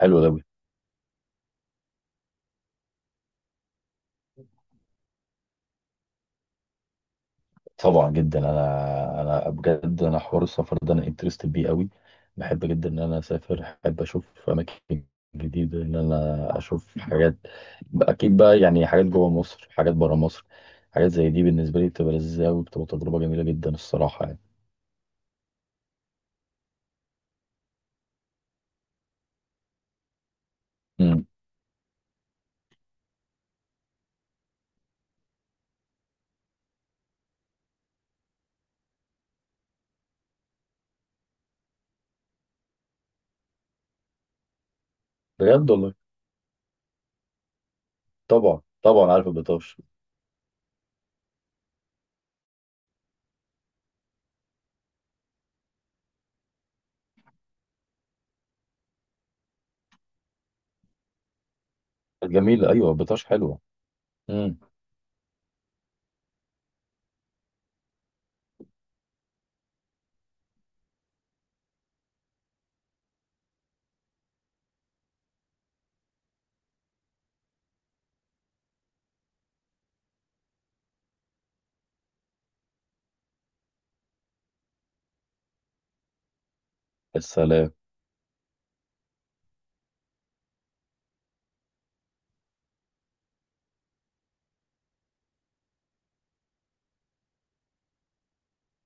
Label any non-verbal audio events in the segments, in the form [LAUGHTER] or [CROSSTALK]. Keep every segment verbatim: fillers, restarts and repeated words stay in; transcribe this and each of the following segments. حلو قوي. طبعا جدا، انا انا بجد، انا حوار السفر ده انا انترستد بيه قوي. بحب جدا ان انا اسافر، احب اشوف اماكن جديده، ان انا اشوف حاجات اكيد بقى، يعني حاجات جوه مصر، حاجات بره مصر، حاجات زي دي بالنسبه لي بتبقى لذيذه قوي، بتبقى تجربه جميله جدا الصراحه يعني. امم. بجد والله. طبعا طبعا، عارف البطاش. جميله، ايوه البطاش حلوه. امم. السلام.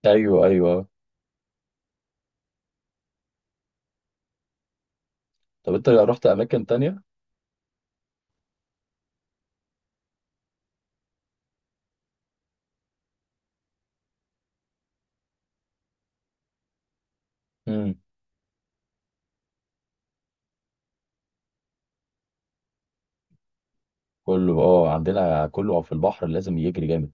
ايوه ايوه. طب انت رحت اماكن تانية؟ امم. كله اه، عندنا كله في البحر لازم يجري جامد.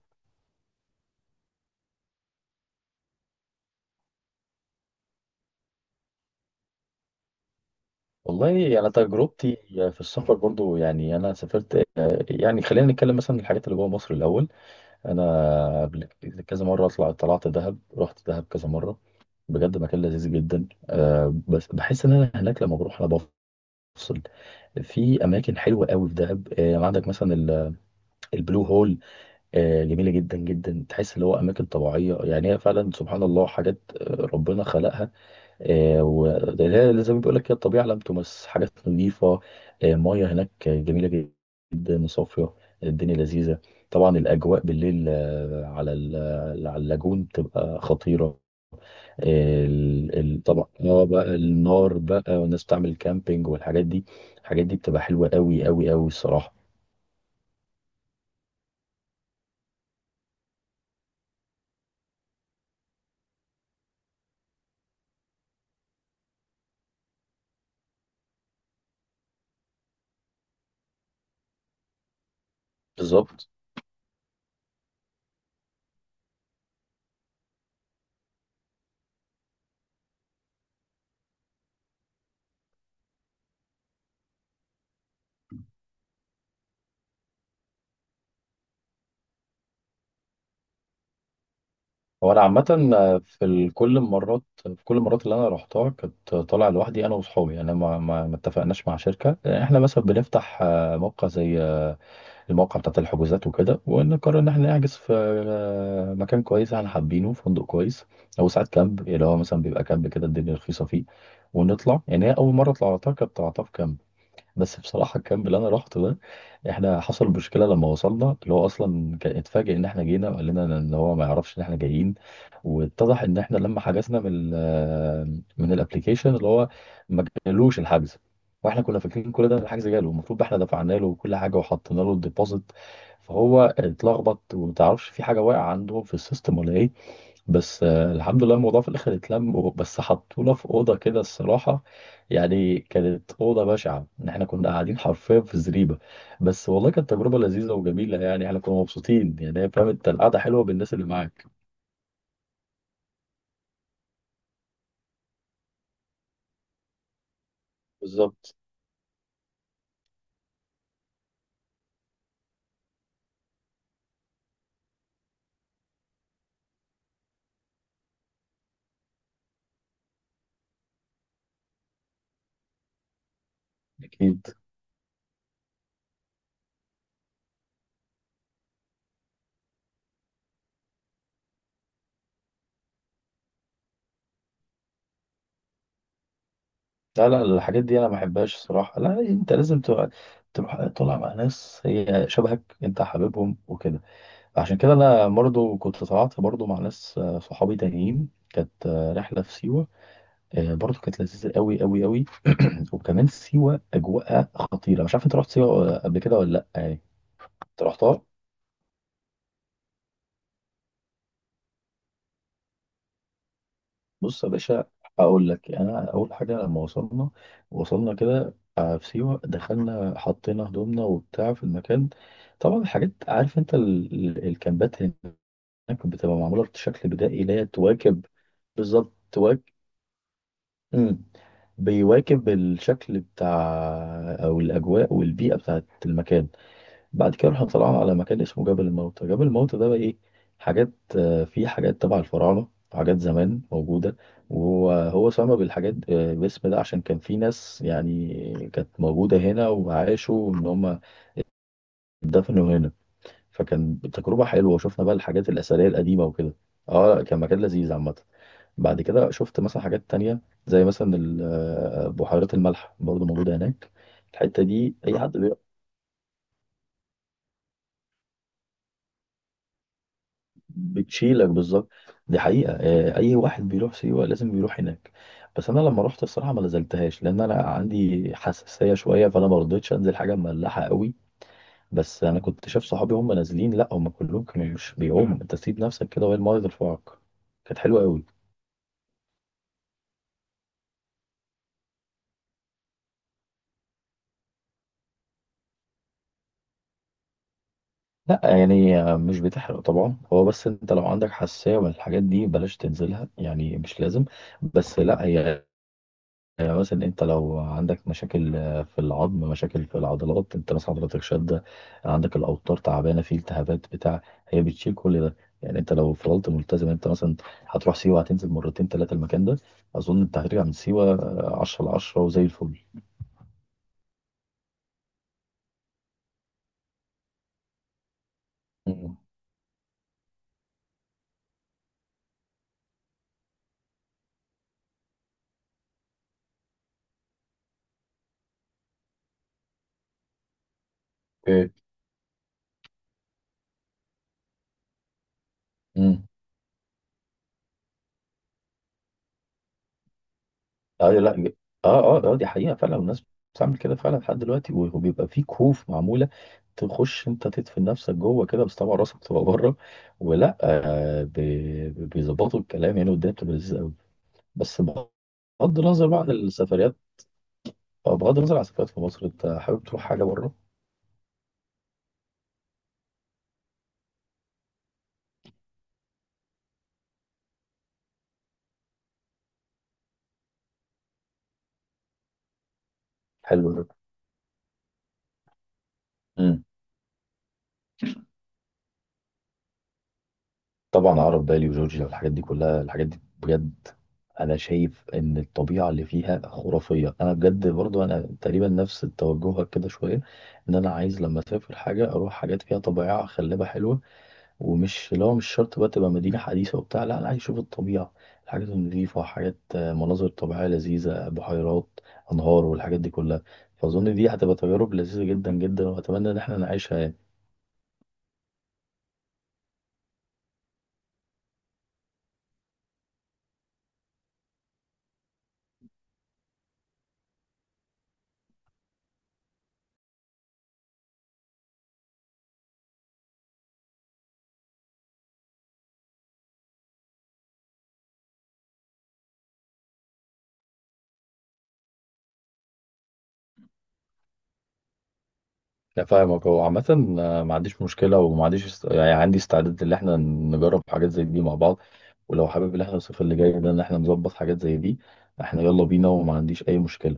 والله انا تجربتي في السفر برضو، يعني انا سافرت، يعني خلينا نتكلم مثلا الحاجات اللي جوه مصر الاول. انا قبل كذا مره اطلع، طلعت دهب، رحت دهب كذا مره، بجد مكان لذيذ جدا أه. بس بحس ان انا هناك لما بروح انا بفصل. في اماكن حلوه قوي في دهب أه يعني عندك مثلا ال- البلو هول. أه جميله جدا جدا، تحس اللي هو اماكن طبيعيه يعني، هي فعلا سبحان الله حاجات آه، ربنا خلقها. آه، وده زي ما بيقول لك كده، الطبيعه لم تمس، حاجات نظيفه، آه، ميه هناك جميله جدا وصافيه، الدنيا لذيذه. طبعا الاجواء بالليل، آه، على ال- على اللاجون بتبقى خطيره. آه، ال- ال- طبعا اه بقى النار بقى، والناس بتعمل كامبينج والحاجات دي، الحاجات دي بتبقى حلوه قوي قوي قوي الصراحه. بالظبط. هو انا عامه في ال- كل المرات في كل المرات اللي انا رحتها كنت طالع لوحدي، انا واصحابي، يعني ما ما ما اتفقناش مع شركه. احنا مثلا بنفتح آه، موقع زي، آه، الموقع بتاع الحجوزات وكده، ونقرر ان احنا نحجز في آه، مكان كويس احنا حابينه، فندق كويس او ساعات كامب، اللي هو مثلا بيبقى كامب كده الدنيا رخيصه فيه، ونطلع. يعني هي اول مره طلعتها، كانت طلعتها في كامب. بس بصراحة الكامب اللي أنا روحته ده، إحنا حصل مشكلة لما وصلنا، اللي هو أصلا كان اتفاجئ إن إحنا جينا، وقال لنا إن هو ما يعرفش إن إحنا جايين. واتضح إن إحنا لما حجزنا من ال آه، من الأبليكيشن اللي هو، ما جالوش الحجز. وإحنا كنا فاكرين كل ده إن الحجز جاله، المفروض إحنا دفعنا له كل حاجة وحطينا له الديبوزيت. فهو اتلخبط وما تعرفش في حاجة واقعة عنده في السيستم ولا إيه. بس آه، الحمد لله الموضوع في الاخر اتلم، و- بس حطونا في اوضه كده الصراحه، يعني كانت اوضه بشعه ان احنا كنا قاعدين حرفيا في زريبه. بس والله كانت تجربه لذيذه وجميله، يعني احنا كنا مبسوطين، يعني هي فاهم انت، القعده حلوه بالناس اللي معاك. بالظبط. اكيد. لا لا، الحاجات دي انا ما بحبهاش الصراحه، لا انت لازم تبقى تروح طالع مع ناس هي شبهك انت حاببهم وكده. عشان كده انا برضه كنت طلعت برضه مع ناس آه، صحابي تانيين، كانت آه، رحله في سيوه، آه، برضه كانت لذيذه قوي قوي قوي. [CLEARS THROAT] وكمان سيوه اجواءها خطيره. مش عارف انت رحت سيوه ولا- قبل كده ولا لا؟ يعني انت رحتها؟ بص يا باشا، اقول لك. انا اول حاجه لما وصلنا، وصلنا كده آه، في سيوه، دخلنا حطينا هدومنا وبتاع في المكان. طبعا الحاجات، عارف انت ال- ال- الكامبات هناك بتبقى معموله بشكل بدائي، اللي هي تواكب. بالظبط، تواكب. مم. بيواكب الشكل بتاع، او الاجواء والبيئه بتاعت المكان. بعد كده رحنا طلعنا على مكان اسمه جبل الموتى. جبل الموتى ده بقى ايه؟ حاجات آه، فيه حاجات تبع الفراعنة، حاجات زمان موجودة. وهو هو سمى بالحاجات آه، باسم ده عشان كان في ناس يعني كانت موجودة هنا وعاشوا، ان هم اتدفنوا هنا. فكان تجربة حلوة، وشفنا بقى الحاجات الأثرية القديمة وكده. اه لا، كان مكان لذيذ عامة. بعد كده شفت مثلا حاجات تانية، زي مثلا ال- آه، بحيرات الملح، برضه موجودة هناك. الحتة دي أي حد بتشيلك، بالظبط. دي حقيقة، آه، أي واحد بيروح سيوة لازم بيروح هناك. بس أنا لما رحت الصراحة ما نزلتهاش، لأن أنا عندي حساسية شوية، فأنا ما رضيتش أنزل حاجة مملحة قوي. بس أنا كنت شايف صحابي هم نازلين، لا هم كلهم كانوا مش بيعوموا، أنت سيب نفسك كده وهي الماية ترفعك. كانت حلوة قوي. لا يعني، آه، مش بتحرق طبعا، هو بس أنت لو عندك حساسية من الحاجات دي بلاش تنزلها، يعني مش لازم. بس لا هي، آه، مثلا انت لو عندك مشاكل آه، في العظم، مشاكل في العضلات، انت مثلا حضرتك شده، عندك الاوتار تعبانه، في التهابات بتاع، هي بتشيل كل ده. يعني انت لو فضلت ملتزم، انت مثلا هتروح سيوه هتنزل مرتين ثلاثه المكان ده، اظن انت هترجع من سيوه عشرة ل عشرة وزي الفل. مم. اوكي. مم. ايوه، لا ب- اه اه اه، دي حقيقة فعلا، الناس بتعمل كده فعلا لحد دلوقتي، و- وبيبقى في كهوف معمولة، تخش انت تدفن نفسك جوه كده، بس طبعا راسك بتبقى بره ولا، آه بي- بيظبطوا الكلام يعني، والدنيا بتبقى لذيذة قوي. بس بغض النظر بقى عن السفريات آه، بغض النظر عن السفريات في مصر، انت حابب تروح حاجة بره؟ حلو ده. طبعا اعرف بالي وجورجيا والحاجات دي كلها، الحاجات دي بجد انا شايف ان الطبيعه اللي فيها خرافيه. انا بجد برضو انا تقريبا نفس توجهك كده شويه، ان انا عايز لما اسافر حاجه اروح حاجات فيها طبيعه خلابه حلوه. ومش لو مش شرط بقى تبقى مدينه حديثه وبتاع، لا انا عايز اشوف الطبيعه، الحاجات النظيفه، حاجات آه، مناظر طبيعيه لذيذه، بحيرات، انهار، والحاجات دي كلها. فاظن دي هتبقى تجارب لذيذه جدا جدا، واتمنى ان احنا نعيشها يعني. لا فاهمك. هو عامة آه، ما عنديش مشكلة، وما عنديش است... يعني عندي استعداد ان احنا نجرب حاجات زي دي مع بعض. ولو حابب ان احنا الصيف اللي جاي ده ان احنا نظبط حاجات زي دي، احنا يلا بينا، وما عنديش اي مشكلة.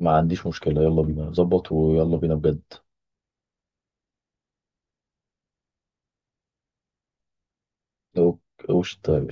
ما عنديش مشكلة، يلا بينا نظبط ويلا بينا بجد. لو، وش طيب.